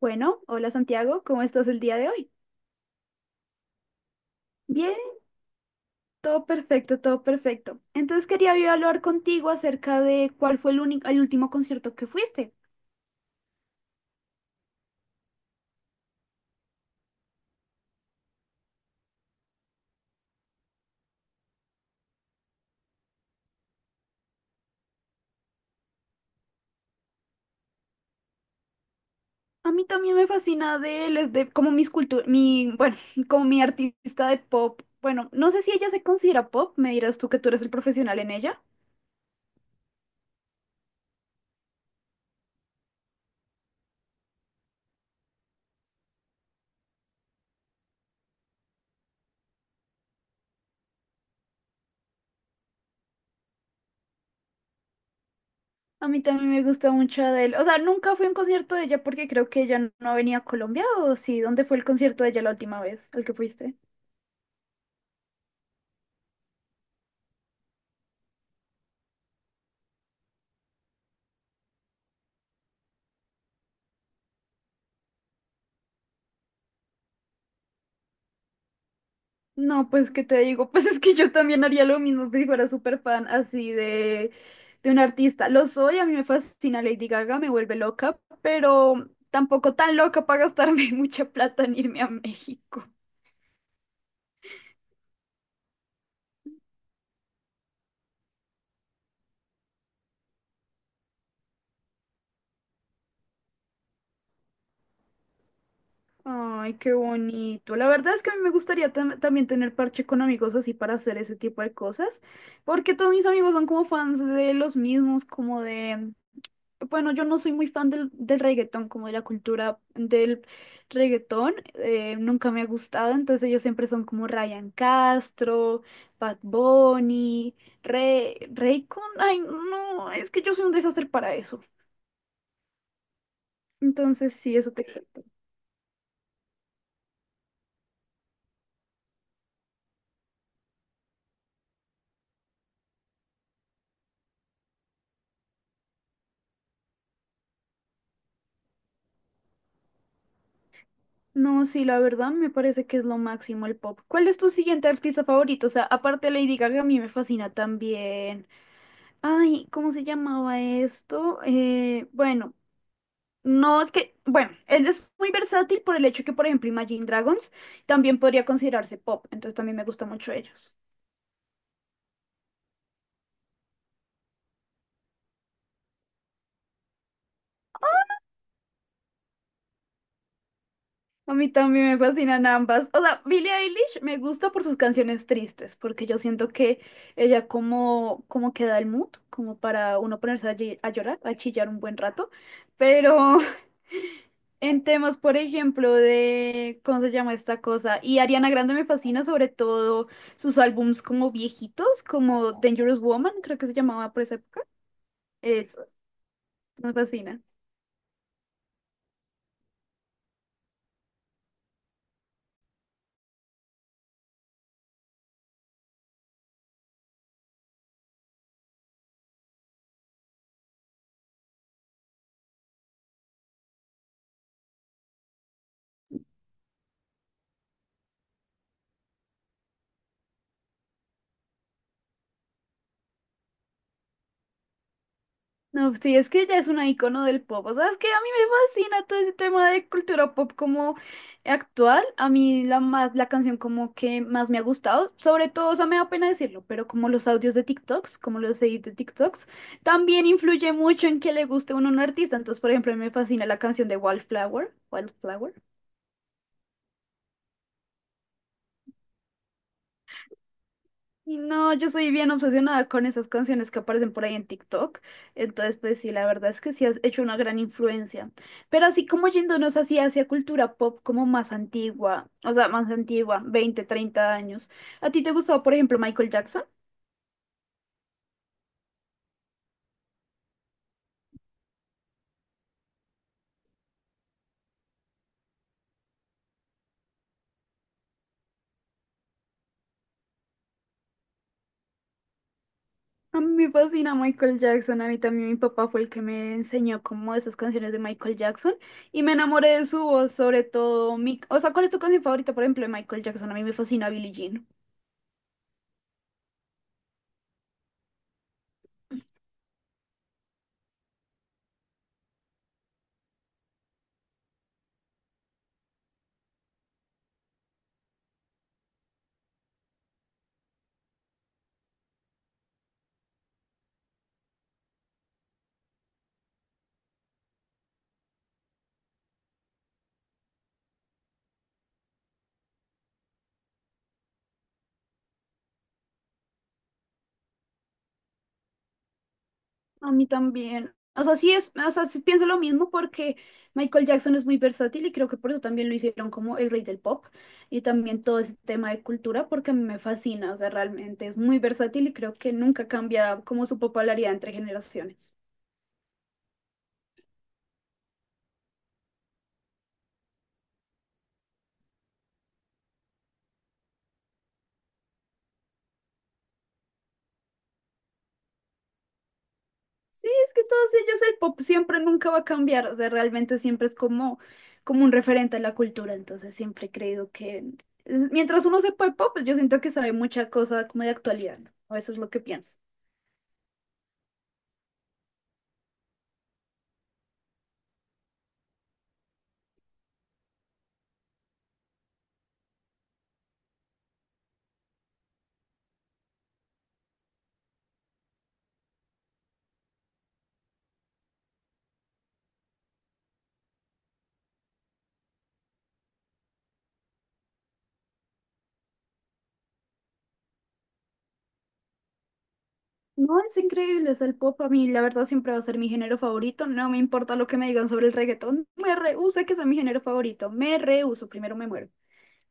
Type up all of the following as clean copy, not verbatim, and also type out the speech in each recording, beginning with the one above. Bueno, hola Santiago, ¿cómo estás el día de hoy? Bien, todo perfecto, todo perfecto. Entonces quería yo hablar contigo acerca de cuál fue el único, el último concierto que fuiste. A mí también me fascina de les de como mis cultu- mi, bueno, como mi artista de pop. Bueno, no sé si ella se considera pop, me dirás tú que tú eres el profesional en ella. A mí también me gusta mucho Adele. O sea, nunca fui a un concierto de ella porque creo que ella no venía a Colombia, ¿o sí? ¿Dónde fue el concierto de ella la última vez al que fuiste? No, pues, ¿qué te digo? Pues es que yo también haría lo mismo si fuera súper fan de un artista. Lo soy, a mí me fascina Lady Gaga, me vuelve loca, pero tampoco tan loca para gastarme mucha plata en irme a México. Ay, qué bonito. La verdad es que a mí me gustaría también tener parche con amigos así para hacer ese tipo de cosas, porque todos mis amigos son como fans de los mismos, como de, bueno, yo no soy muy fan del reggaetón, como de la cultura del reggaetón, nunca me ha gustado, entonces ellos siempre son como Ryan Castro, Bad Bunny, Rey, Raycon, ay, no, es que yo soy un desastre para eso. Entonces, sí, eso te cuento. No, sí, la verdad me parece que es lo máximo el pop. ¿Cuál es tu siguiente artista favorito? O sea, aparte de Lady Gaga, a mí me fascina también. Ay, ¿cómo se llamaba esto? Bueno, no es que, bueno, él es muy versátil por el hecho que, por ejemplo, Imagine Dragons también podría considerarse pop, entonces también me gusta mucho ellos. A mí también me fascinan ambas. O sea, Billie Eilish me gusta por sus canciones tristes, porque yo siento que ella como que da el mood, como para uno ponerse allí a llorar, a chillar un buen rato. Pero en temas, por ejemplo, de, ¿cómo se llama esta cosa? Y Ariana Grande me fascina sobre todo sus álbums como viejitos, como Dangerous Woman, creo que se llamaba por esa época. Eso, me fascina. No, sí, es que ella es una icono del pop. O sea, es que a mí me fascina todo ese tema de cultura pop como actual. A mí la canción como que más me ha gustado, sobre todo, o sea, me da pena decirlo, pero como los audios de TikToks, como los edits de TikToks, también influye mucho en que le guste uno a un artista. Entonces, por ejemplo, a mí me fascina la canción de Wildflower, Wildflower. Y no, yo soy bien obsesionada con esas canciones que aparecen por ahí en TikTok. Entonces, pues sí, la verdad es que sí has hecho una gran influencia. Pero así como yéndonos así hacia cultura pop como más antigua, o sea, más antigua, 20, 30 años. ¿A ti te gustaba, por ejemplo, Michael Jackson? A mí me fascina Michael Jackson, a mí también mi papá fue el que me enseñó como esas canciones de Michael Jackson y me enamoré de su voz, sobre todo mi... O sea, ¿cuál es tu canción favorita, por ejemplo, de Michael Jackson? A mí me fascina Billie Jean. A mí también. O sea, sí pienso lo mismo porque Michael Jackson es muy versátil y creo que por eso también lo hicieron como el rey del pop y también todo ese tema de cultura porque a mí me fascina, o sea, realmente es muy versátil y creo que nunca cambia como su popularidad entre generaciones. Sí, es que todos ellos el pop siempre nunca va a cambiar, o sea, realmente siempre es como, como un referente a la cultura, entonces siempre he creído que es- mientras uno sepa el pop, pues yo siento que sabe mucha cosa como de actualidad, ¿no? O eso es lo que pienso. No, es increíble, es el pop. A mí, la verdad, siempre va a ser mi género favorito. No me importa lo que me digan sobre el reggaetón. Me rehúso a que sea mi género favorito. Me rehúso, primero me muero.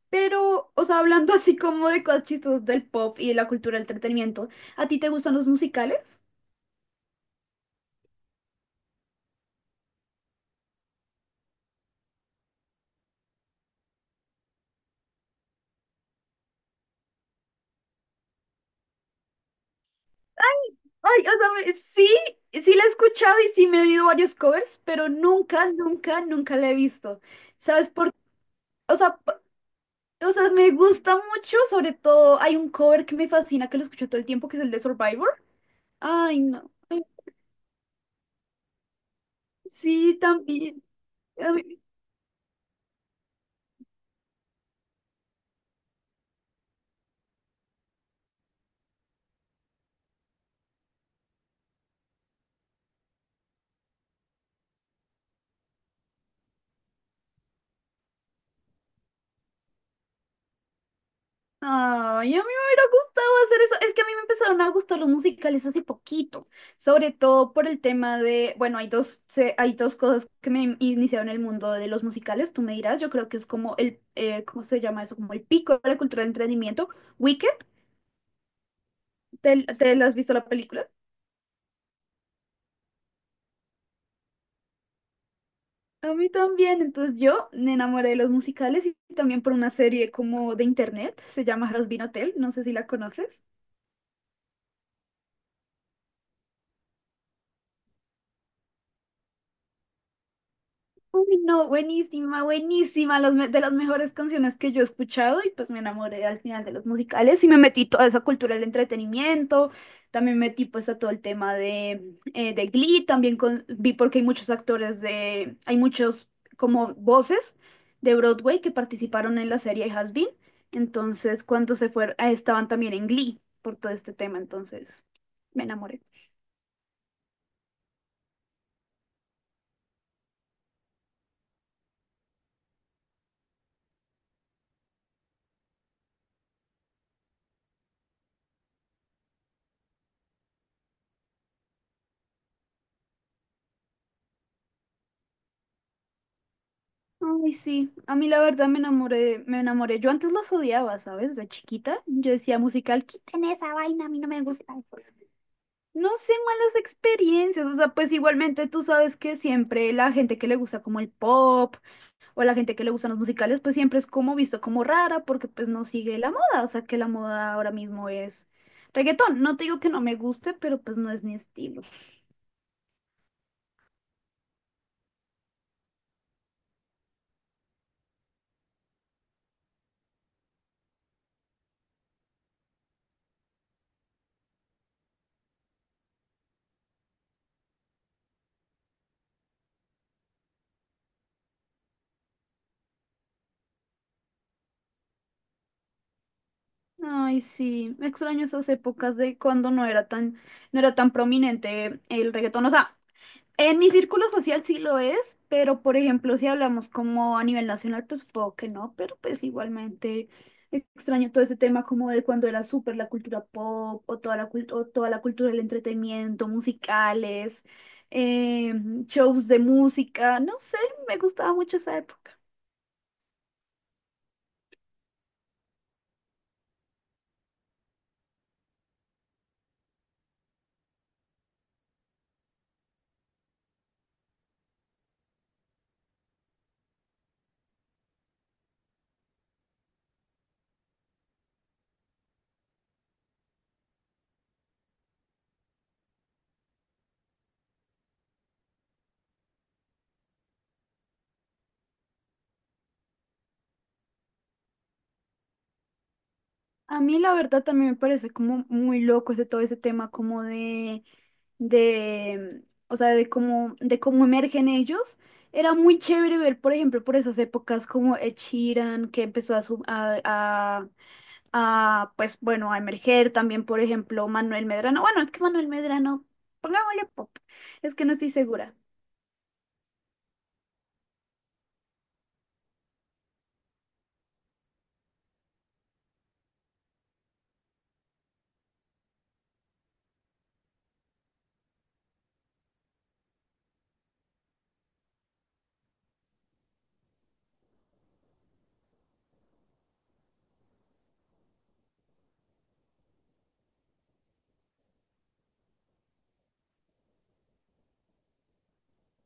Pero, o sea, hablando así como de cosas chistosas del pop y de la cultura del entretenimiento, ¿a ti te gustan los musicales? Ay, sí, sí la he escuchado y sí me he oído varios covers, pero nunca la he visto. ¿Sabes por qué? O sea, p- o sea, me gusta mucho, sobre todo hay un cover que me fascina, que lo escucho todo el tiempo, que es el de Survivor. Ay, no. Sí, también. A mí- Ay, a mí me hubiera gustado hacer eso. Es que a mí me empezaron a gustar los musicales hace poquito, sobre todo por el tema de, bueno, hay dos cosas iniciaron el mundo de los musicales, tú me dirás, yo creo que es como el, ¿cómo se llama eso? Como el pico de la cultura del entretenimiento. Wicked, te la has visto la película? A mí también, entonces yo me enamoré de los musicales y también por una serie como de internet, se llama Has Been Hotel, no sé si la conoces. Uy, no, buenísima, buenísima, de las mejores canciones que yo he escuchado y pues me enamoré al final de los musicales y me metí toda esa cultura del entretenimiento, también metí pues a todo el tema de Glee, vi porque hay muchos actores de, hay muchos como voces de Broadway que participaron en la serie Has Been, entonces cuando se fueron, ah, estaban también en Glee por todo este tema, entonces me enamoré. Ay, sí, a mí la verdad me enamoré, me enamoré. Yo antes los odiaba, ¿sabes? De chiquita, yo decía musical, quiten esa vaina, a mí no me gusta eso. No sé, malas experiencias, o sea, pues igualmente tú sabes que siempre la gente que le gusta como el pop o la gente que le gustan los musicales, pues siempre es como visto como rara porque pues no sigue la moda, o sea que la moda ahora mismo es reggaetón. No te digo que no me guste, pero pues no es mi estilo. Ay, sí, me extraño esas épocas de cuando no era tan prominente el reggaetón. O sea, en mi círculo social sí lo es, pero por ejemplo, si hablamos como a nivel nacional, pues supongo que no, pero pues igualmente extraño todo ese tema como de cuando era súper la cultura pop o toda o toda la cultura del entretenimiento, musicales, eh, shows de música, no sé, me gustaba mucho esa época. A mí la verdad también me parece como muy loco ese todo ese tema como de, o sea, de cómo emergen ellos. Era muy chévere ver, por ejemplo, por esas épocas como Ed Sheeran, que empezó a, su- a, pues bueno, a emerger también, por ejemplo, Manuel Medrano. Bueno, es que Manuel Medrano, pongámosle pop, es que no estoy segura.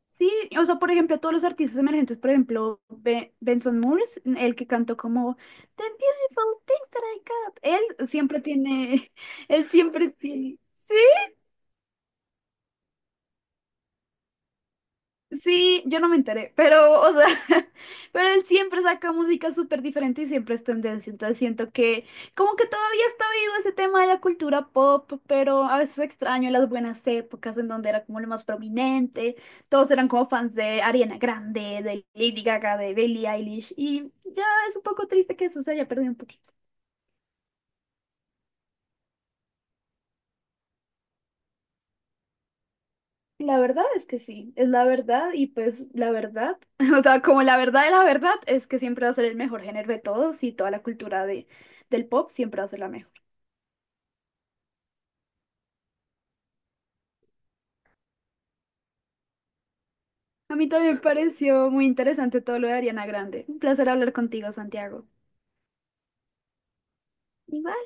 Sí, o sea, por ejemplo, todos los artistas emergentes, por ejemplo, Benson Moores, el que cantó como The Beautiful Things That I Got, él siempre tiene, él siempre tiene, sí, Sí, yo no me enteré, pero, o sea, pero él siempre saca música súper diferente y siempre es tendencia, entonces siento que como que todavía está vivo ese tema de la cultura pop, pero a veces extraño las buenas épocas en donde era como lo más prominente, todos eran como fans de Ariana Grande, de Lady Gaga, de Billie Eilish, y ya es un poco triste que eso se haya perdido un poquito. La verdad es que sí, es la verdad y pues la verdad, o sea, como la verdad de la verdad es que siempre va a ser el mejor género de todos y toda la cultura del pop siempre va a ser la mejor. A mí también me pareció muy interesante todo lo de Ariana Grande. Un placer hablar contigo, Santiago. Igual.